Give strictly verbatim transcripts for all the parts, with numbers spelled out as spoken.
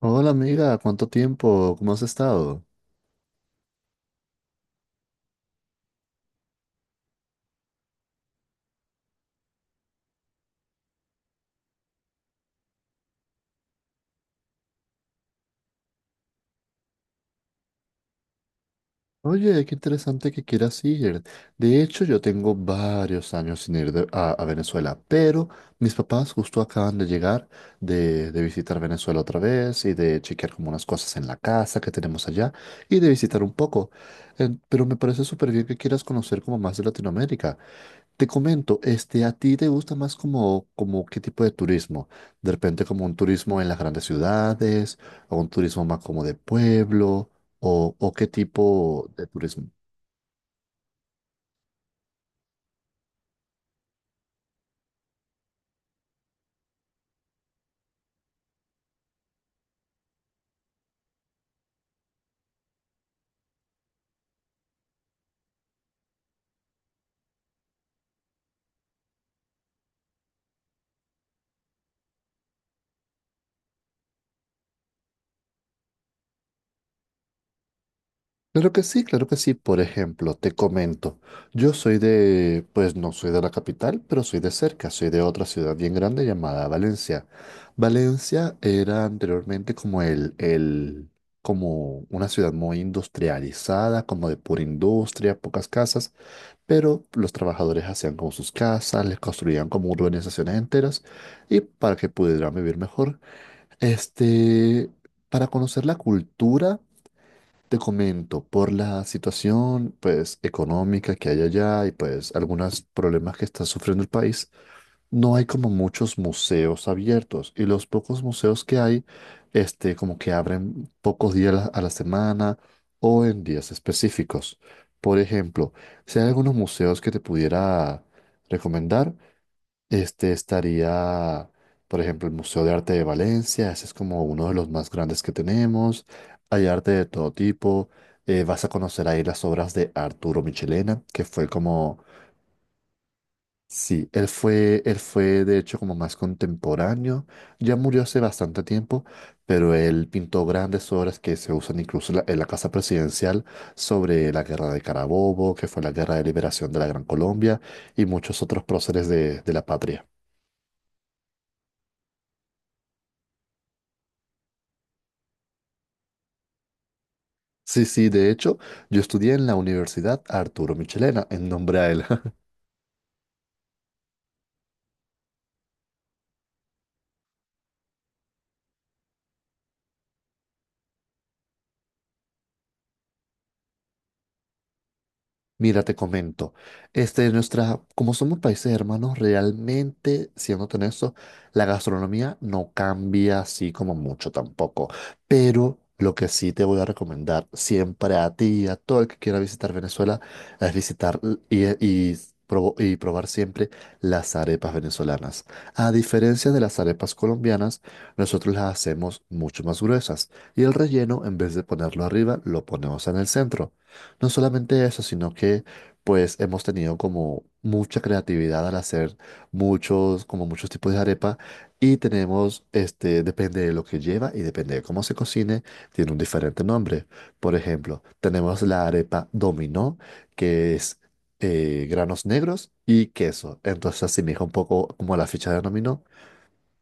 Hola amiga, ¿cuánto tiempo? ¿Cómo has estado? Oye, qué interesante que quieras ir. De hecho, yo tengo varios años sin ir de- a, a Venezuela, pero mis papás justo acaban de llegar de, de visitar Venezuela otra vez y de chequear como unas cosas en la casa que tenemos allá y de visitar un poco. En- pero me parece súper bien que quieras conocer como más de Latinoamérica. Te comento, este, ¿a ti te gusta más como, como qué tipo de turismo? De repente como un turismo en las grandes ciudades, o un turismo más como de pueblo, o, o qué tipo de turismo. Claro que sí, claro que sí. Por ejemplo, te comento, yo soy de, pues no soy de la capital, pero soy de cerca, soy de otra ciudad bien grande llamada Valencia. Valencia era anteriormente como el, el, como una ciudad muy industrializada, como de pura industria, pocas casas. Pero los trabajadores hacían como sus casas, les construían como urbanizaciones enteras y para que pudieran vivir mejor. Este, para conocer la cultura, te comento, por la situación pues económica que hay allá y pues algunos problemas que está sufriendo el país, no hay como muchos museos abiertos y los pocos museos que hay, este, como que abren pocos días a la, a la semana o en días específicos. Por ejemplo, si hay algunos museos que te pudiera recomendar, este estaría, por ejemplo, el Museo de Arte de Valencia, ese es como uno de los más grandes que tenemos. Hay arte de todo tipo. Eh, vas a conocer ahí las obras de Arturo Michelena, que fue como... Sí, él fue, él fue de hecho como más contemporáneo, ya murió hace bastante tiempo, pero él pintó grandes obras que se usan incluso en la, en la Casa Presidencial sobre la Guerra de Carabobo, que fue la Guerra de Liberación de la Gran Colombia y muchos otros próceres de, de la patria. Sí, sí, de hecho, yo estudié en la Universidad Arturo Michelena en nombre a él. Mira, te comento, este, nuestra, como somos países hermanos, realmente, siendo honesto, la gastronomía no cambia así como mucho tampoco. Pero lo que sí te voy a recomendar siempre a ti y a todo el que quiera visitar Venezuela es visitar l- y, y probo- y probar siempre las arepas venezolanas. A diferencia de las arepas colombianas, nosotros las hacemos mucho más gruesas y el relleno, en vez de ponerlo arriba, lo ponemos en el centro. No solamente eso, sino que pues hemos tenido como mucha creatividad al hacer muchos, como muchos tipos de arepa y tenemos, este, depende de lo que lleva y depende de cómo se cocine, tiene un diferente nombre. Por ejemplo, tenemos la arepa dominó, que es eh, granos negros y queso. Entonces asemeja un poco como a la ficha de dominó.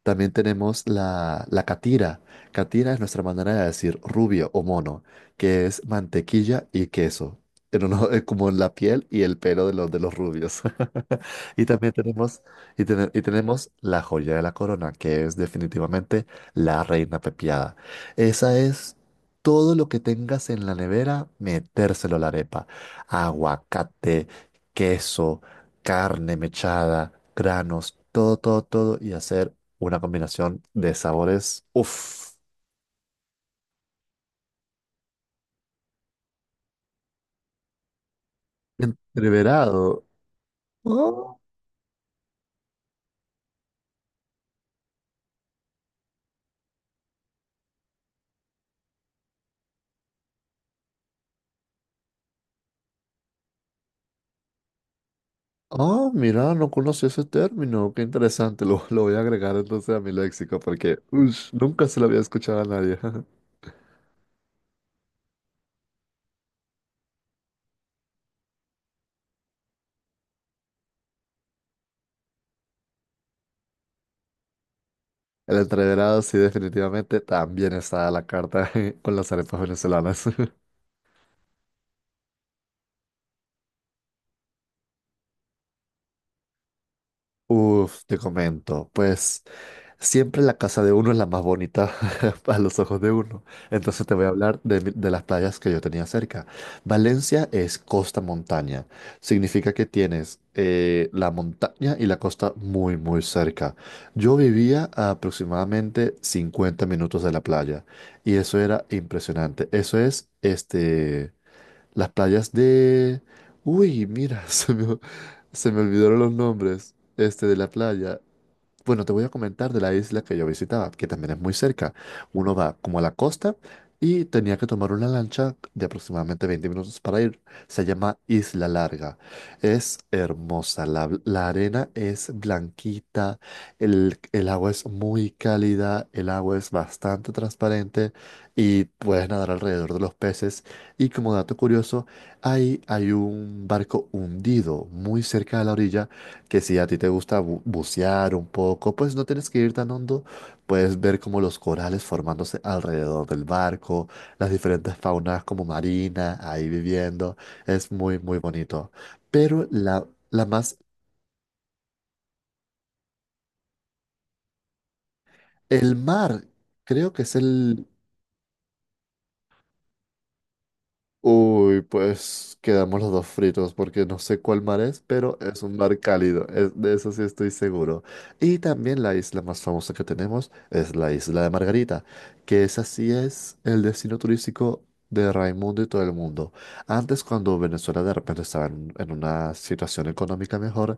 También tenemos la, la catira. Catira es nuestra manera de decir rubio o mono, que es mantequilla y queso. Pero no, eh, como la piel y el pelo de los, de los rubios. Y también tenemos, y, tene- y tenemos la joya de la corona, que es definitivamente la reina pepiada. Esa es todo lo que tengas en la nevera, metérselo a la arepa. Aguacate, queso, carne mechada, granos, todo, todo, todo, y hacer una combinación de sabores. Uf, entreverado. Oh, oh, mira, no conocí ese término. Qué interesante. Lo, lo voy a agregar entonces a mi léxico porque ush, nunca se lo había escuchado a nadie. El entreverado, sí, definitivamente también está a la carta con las arepas venezolanas. Uf, te comento. Pues. Siempre la casa de uno es la más bonita a los ojos de uno. Entonces te voy a hablar de, mi- de las playas que yo tenía cerca. Valencia es costa-montaña. Significa que tienes eh, la montaña y la costa muy, muy cerca. Yo vivía a aproximadamente cincuenta minutos de la playa y eso era impresionante. Eso es este, las playas de... Uy, mira, se me, se me olvidaron los nombres este, de la playa. Bueno, te voy a comentar de la isla que yo visitaba, que también es muy cerca. Uno va como a la costa y tenía que tomar una lancha de aproximadamente veinte minutos para ir. Se llama Isla Larga. Es hermosa, la, la arena es blanquita, el, el agua es muy cálida, el agua es bastante transparente y puedes nadar alrededor de los peces. Y como dato curioso, ahí hay un barco hundido muy cerca de la orilla que si a ti te gusta bu- bucear un poco, pues no tienes que ir tan hondo, puedes ver como los corales formándose alrededor del barco, las diferentes faunas como marina ahí viviendo, es muy muy bonito. Pero la, la más, el mar creo que es el... Uy, pues quedamos los dos fritos porque no sé cuál mar es, pero es un mar cálido, es- de eso sí estoy seguro. Y también la isla más famosa que tenemos es la isla de Margarita, que esa sí es el destino turístico de Raimundo y todo el mundo. Antes, cuando Venezuela de repente estaba en, en una situación económica mejor,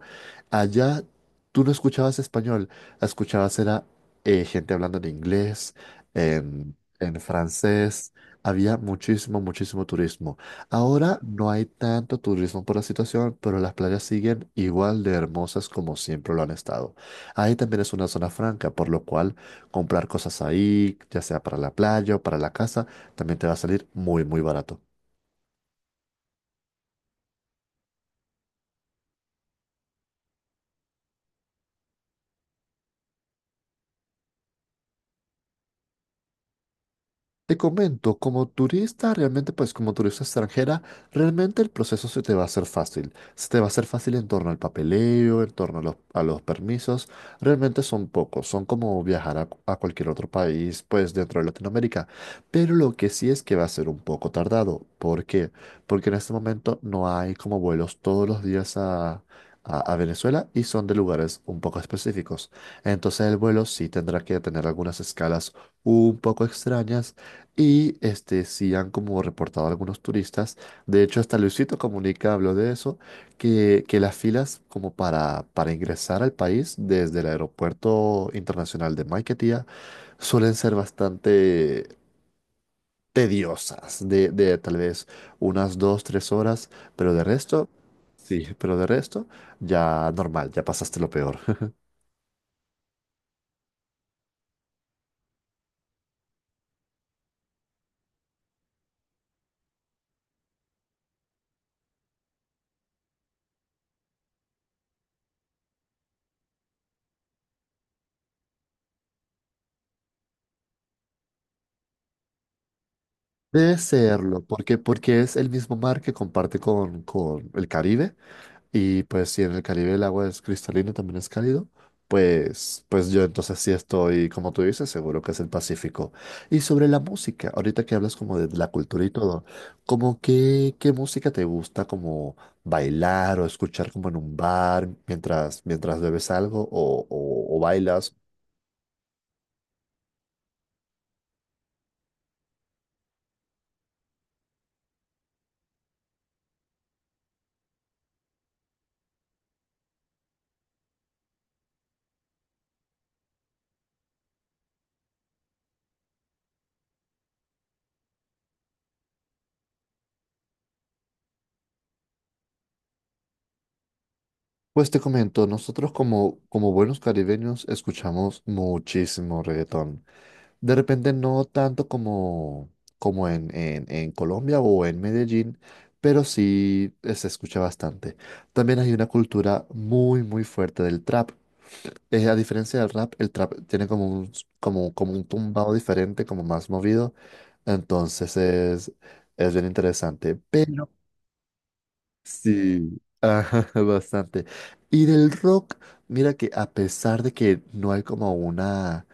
allá tú no escuchabas español, escuchabas era eh, gente hablando en inglés, en en francés, había muchísimo, muchísimo turismo. Ahora no hay tanto turismo por la situación, pero las playas siguen igual de hermosas como siempre lo han estado. Ahí también es una zona franca, por lo cual comprar cosas ahí, ya sea para la playa o para la casa, también te va a salir muy, muy barato. Te comento, como turista, realmente, pues como turista extranjera, realmente el proceso se te va a hacer fácil. Se te va a hacer fácil en torno al papeleo, en torno a los, a los permisos. Realmente son pocos, son como viajar a, a cualquier otro país, pues dentro de Latinoamérica. Pero lo que sí es que va a ser un poco tardado. ¿Por qué? Porque en este momento no hay como vuelos todos los días a... A, a Venezuela y son de lugares un poco específicos. Entonces el vuelo sí tendrá que tener algunas escalas un poco extrañas y este, sí han como reportado algunos turistas, de hecho hasta Luisito Comunica habló de eso, que, que las filas como para, para ingresar al país desde el aeropuerto internacional de Maiquetía suelen ser bastante tediosas, de, de tal vez unas dos, tres horas, pero de resto, sí, pero de resto ya normal, ya pasaste lo peor. Debe serlo, porque, porque es el mismo mar que comparte con, con el Caribe. Y pues si en el Caribe el agua es cristalina, también es cálido, pues, pues yo entonces sí estoy, como tú dices, seguro que es el Pacífico. Y sobre la música, ahorita que hablas como de la cultura y todo, como qué, qué música te gusta como bailar o escuchar como en un bar mientras, mientras bebes algo o, o, o bailas? Pues te comento, nosotros como, como buenos caribeños escuchamos muchísimo reggaetón. De repente no tanto como, como en, en- en Colombia o en Medellín, pero sí eh, se escucha bastante. También hay una cultura muy, muy fuerte del trap. Eh, a diferencia del rap, el trap tiene como un, s- como, como un tumbado diferente, como más movido. Entonces es, es bien interesante. Pero... Sí, ajá, bastante. Y del rock, mira que a pesar de que no hay como una,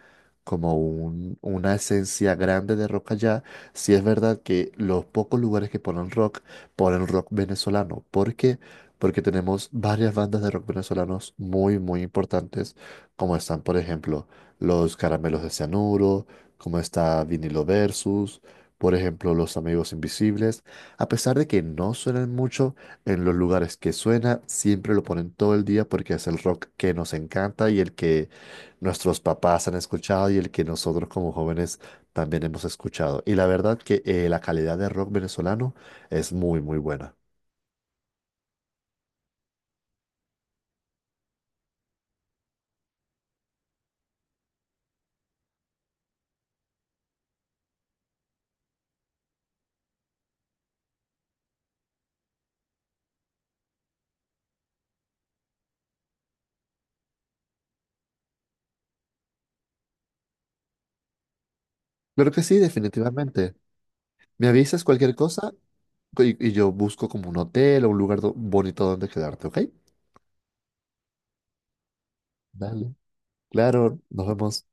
como un, una esencia grande de rock allá, sí es verdad que los pocos lugares que ponen rock, ponen rock venezolano. ¿Por qué? Porque tenemos varias bandas de rock venezolanos muy, muy importantes, como están, por ejemplo, los Caramelos de Cianuro, como está Vinilo Versus, por ejemplo, los Amigos Invisibles. A pesar de que no suenan mucho, en los lugares que suena, siempre lo ponen todo el día porque es el rock que nos encanta y el que nuestros papás han escuchado y el que nosotros como jóvenes también hemos escuchado. Y la verdad que eh, la calidad de rock venezolano es muy, muy buena. Claro que sí, definitivamente. Me avisas cualquier cosa y, y yo busco como un hotel o un lugar do- bonito donde quedarte, ¿ok? Dale. Claro, nos vemos.